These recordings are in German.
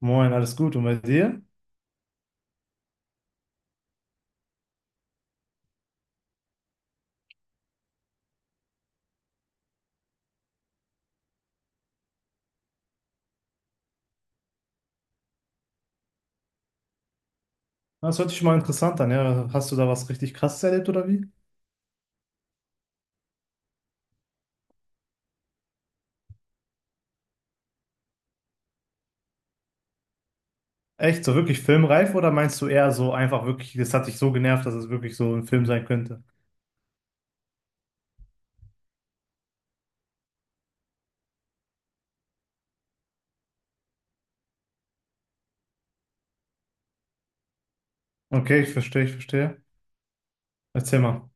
Moin, alles gut. Und bei dir? Das hört sich schon mal interessant an, ja. Hast du da was richtig krasses erlebt oder wie? Echt, so wirklich filmreif oder meinst du eher so einfach wirklich, das hat dich so genervt, dass es wirklich so ein Film sein könnte? Okay, ich verstehe, ich verstehe. Erzähl mal.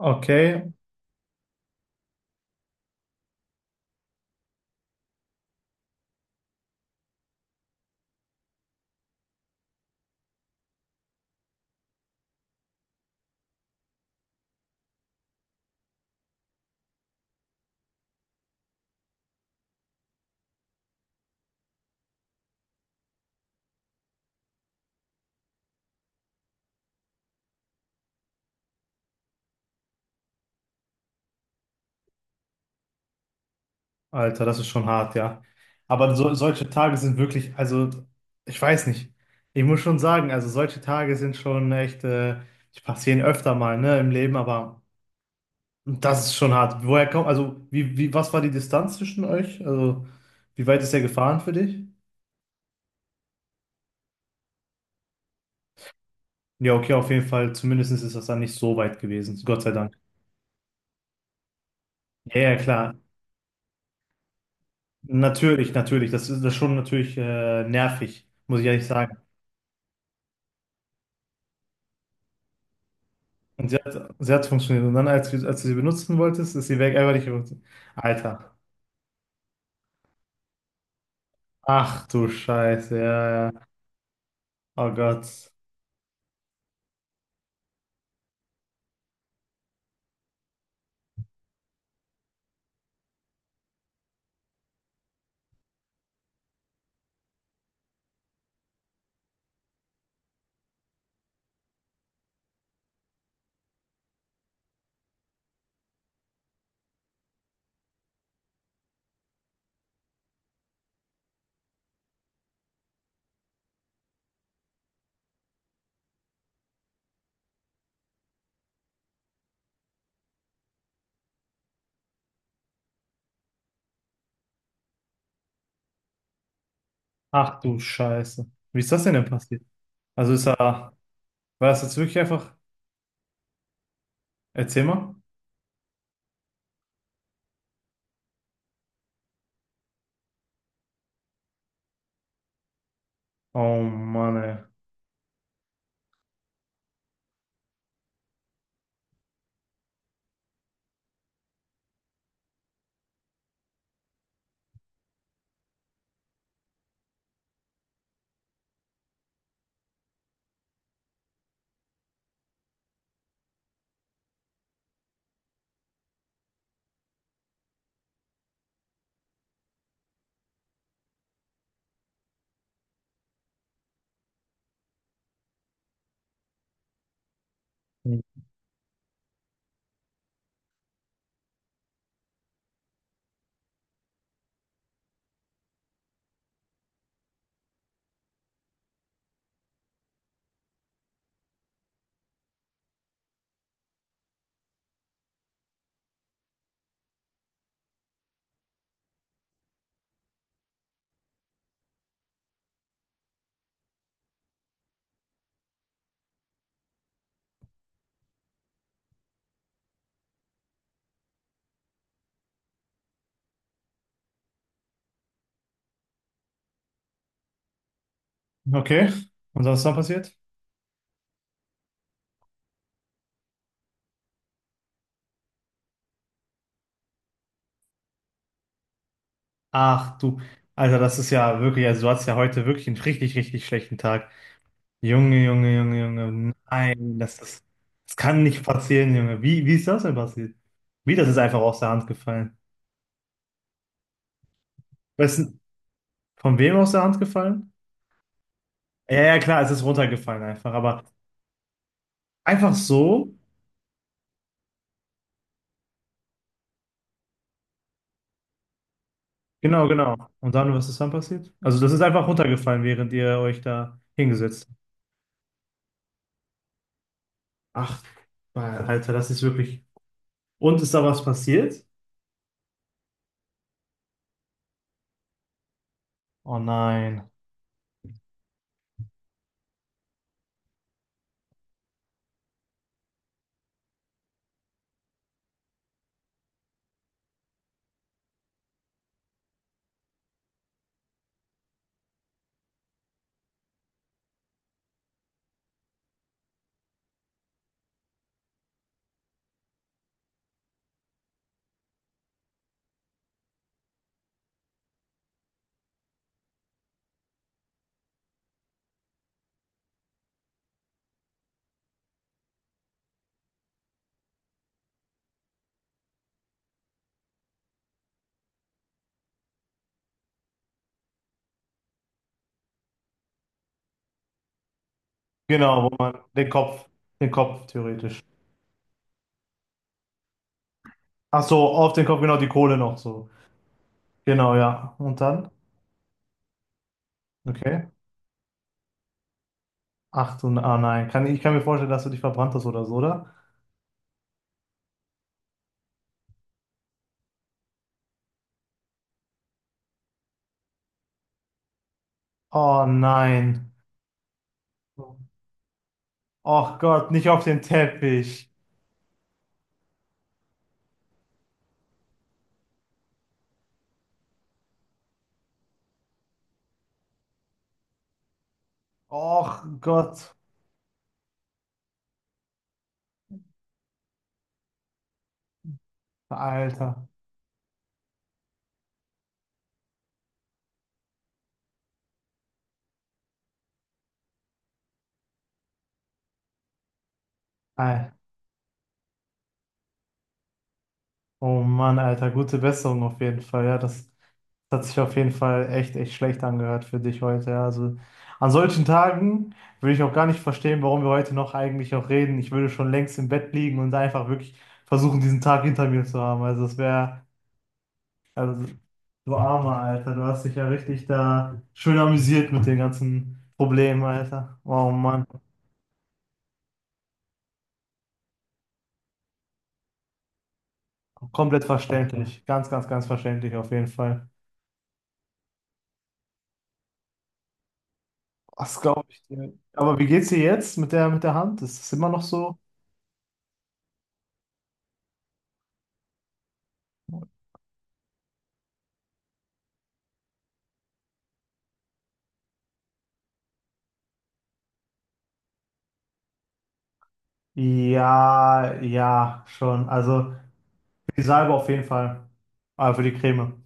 Okay, Alter, das ist schon hart, ja. Aber so, solche Tage sind wirklich, also ich weiß nicht. Ich muss schon sagen, also solche Tage sind schon echt, die passieren öfter mal, ne, im Leben, aber. Das ist schon hart. Woher kommt, also, wie, was war die Distanz zwischen euch? Also, wie weit ist er gefahren für dich? Ja, okay, auf jeden Fall. Zumindest ist das dann nicht so weit gewesen. Gott sei Dank. Ja, ja, klar. Natürlich, natürlich. Das ist schon natürlich nervig, muss ich ehrlich sagen. Und sie hat funktioniert. Und dann, als, wir- als du sie benutzen wolltest, ist sie weg. Einfach nicht benutzt. Alter. Ach du Scheiße. Ja, ja, ja. Oh Gott. Ach du Scheiße. Wie ist das denn passiert? Also ist er, war das jetzt wirklich einfach? Erzähl mal. Oh Mann, ey. Hm. Okay. Und was ist dann passiert? Ach du, Alter, das ist ja wirklich, also du hattest ja heute wirklich einen richtig, richtig schlechten Tag. Junge, Junge, Junge, Junge, nein, das kann nicht passieren, Junge. Wie ist das denn passiert? Wie, das ist einfach aus der Hand gefallen. Weißt du, von wem aus der Hand gefallen? Ja, ja, klar, es ist runtergefallen einfach, aber einfach so? Genau, genau. Und dann, was ist dann passiert? Also das ist einfach runtergefallen, während ihr euch da hingesetzt habt. Ach, Alter, das ist wirklich. Und ist da was passiert? Oh nein. Genau, wo man den Kopf theoretisch. Ach so, auf den Kopf, genau, die Kohle noch so. Genau, ja. Und dann? Okay. Ach du, ah nein. Kann, ich kann mir vorstellen, dass du dich verbrannt hast oder so, oder? Oh nein. Och Gott, nicht auf den Teppich. Och Gott. Alter. Ei. Oh Mann, Alter, gute Besserung auf jeden Fall. Ja, das, das hat sich auf jeden Fall echt, echt schlecht angehört für dich heute. Ja. Also an solchen Tagen würde ich auch gar nicht verstehen, warum wir heute noch eigentlich auch reden. Ich würde schon längst im Bett liegen und einfach wirklich versuchen, diesen Tag hinter mir zu haben. Also das wäre, also du armer Alter, du hast dich ja richtig da schön amüsiert mit den ganzen Problemen, Alter. Oh Mann, komplett verständlich. Ganz, ganz, ganz verständlich auf jeden Fall. Das glaube ich dir. Aber wie geht's dir jetzt mit der Hand? Ist es immer noch so? Ja, ja, schon. Also für die Salbe auf jeden Fall. Aber für die Creme.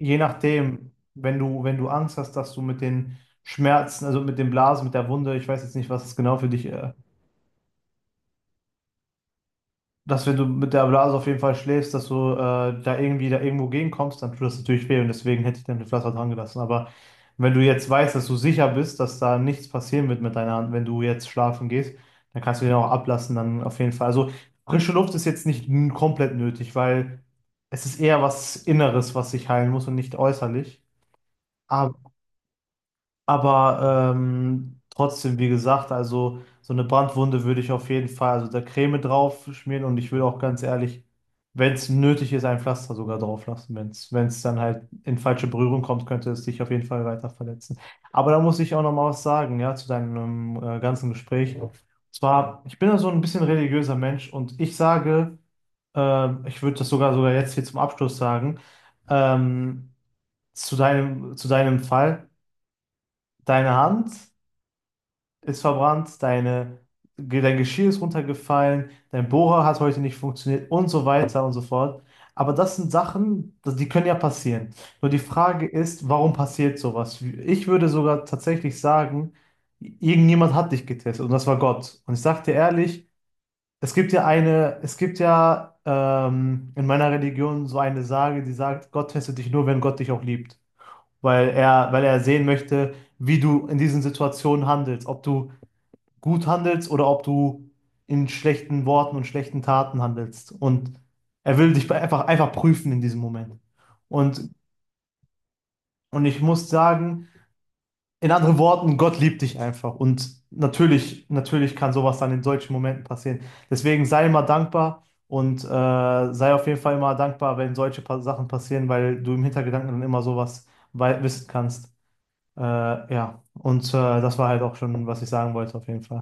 Je nachdem, wenn du, wenn du Angst hast, dass du mit den Schmerzen, also mit den Blasen, mit der Wunde, ich weiß jetzt nicht, was es genau für dich dass wenn du mit der Blase auf jeden Fall schläfst, dass du da irgendwie da irgendwo gegenkommst, dann tut das natürlich weh und deswegen hätte ich dann den Pflaster dran gelassen. Aber wenn du jetzt weißt, dass du sicher bist, dass da nichts passieren wird mit deiner Hand, wenn du jetzt schlafen gehst, dann kannst du den auch ablassen, dann auf jeden Fall. Also frische Luft ist jetzt nicht n- komplett nötig, weil es ist eher was Inneres, was sich heilen muss und nicht äußerlich. Aber trotzdem, wie gesagt, also so eine Brandwunde würde ich auf jeden Fall, also da Creme drauf schmieren und ich würde auch ganz ehrlich, wenn es nötig ist, ein Pflaster sogar drauf lassen. Wenn es, wenn es dann halt in falsche Berührung kommt, könnte es dich auf jeden Fall weiter verletzen. Aber da muss ich auch noch mal was sagen, ja, zu deinem ganzen Gespräch. Und zwar, ich bin ja so ein bisschen religiöser Mensch und ich sage, ich würde das sogar jetzt hier zum Abschluss sagen, ähm, zu deinem Fall, deine Hand ist verbrannt, deine, dein Geschirr ist runtergefallen, dein Bohrer hat heute nicht funktioniert und so weiter und so fort. Aber das sind Sachen, das- die können ja passieren. Nur die Frage ist, warum passiert sowas? Ich würde sogar tatsächlich sagen, irgendjemand hat dich getestet und das war Gott. Und ich sag dir ehrlich, es gibt ja eine, es gibt ja in meiner Religion so eine Sage, die sagt, Gott testet dich nur, wenn Gott dich auch liebt. Weil er sehen möchte, wie du in diesen Situationen handelst, ob du gut handelst oder ob du in schlechten Worten und schlechten Taten handelst. Und er will dich einfach, einfach prüfen in diesem Moment. Und, und ich muss sagen, in anderen Worten, Gott liebt dich einfach. Und natürlich, natürlich kann sowas dann in solchen Momenten passieren. Deswegen sei immer dankbar und sei auf jeden Fall immer dankbar, wenn solche pa Sachen passieren, weil du im Hintergedanken dann immer sowas wei- wissen kannst. Äh, ja, und das war halt auch schon, was ich sagen wollte, auf jeden Fall.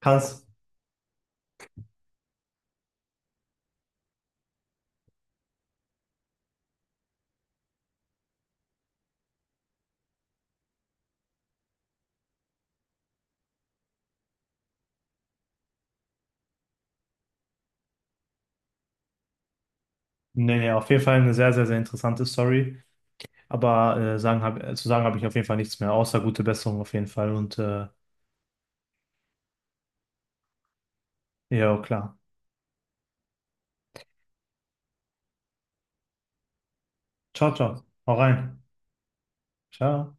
Kannst. Nee, nee, auf jeden Fall eine sehr, sehr, sehr interessante Story. Aber zu sagen habe ich auf jeden Fall nichts mehr, außer gute Besserung auf jeden Fall. Und ja, klar. Ciao, ciao. Hau rein. Ciao.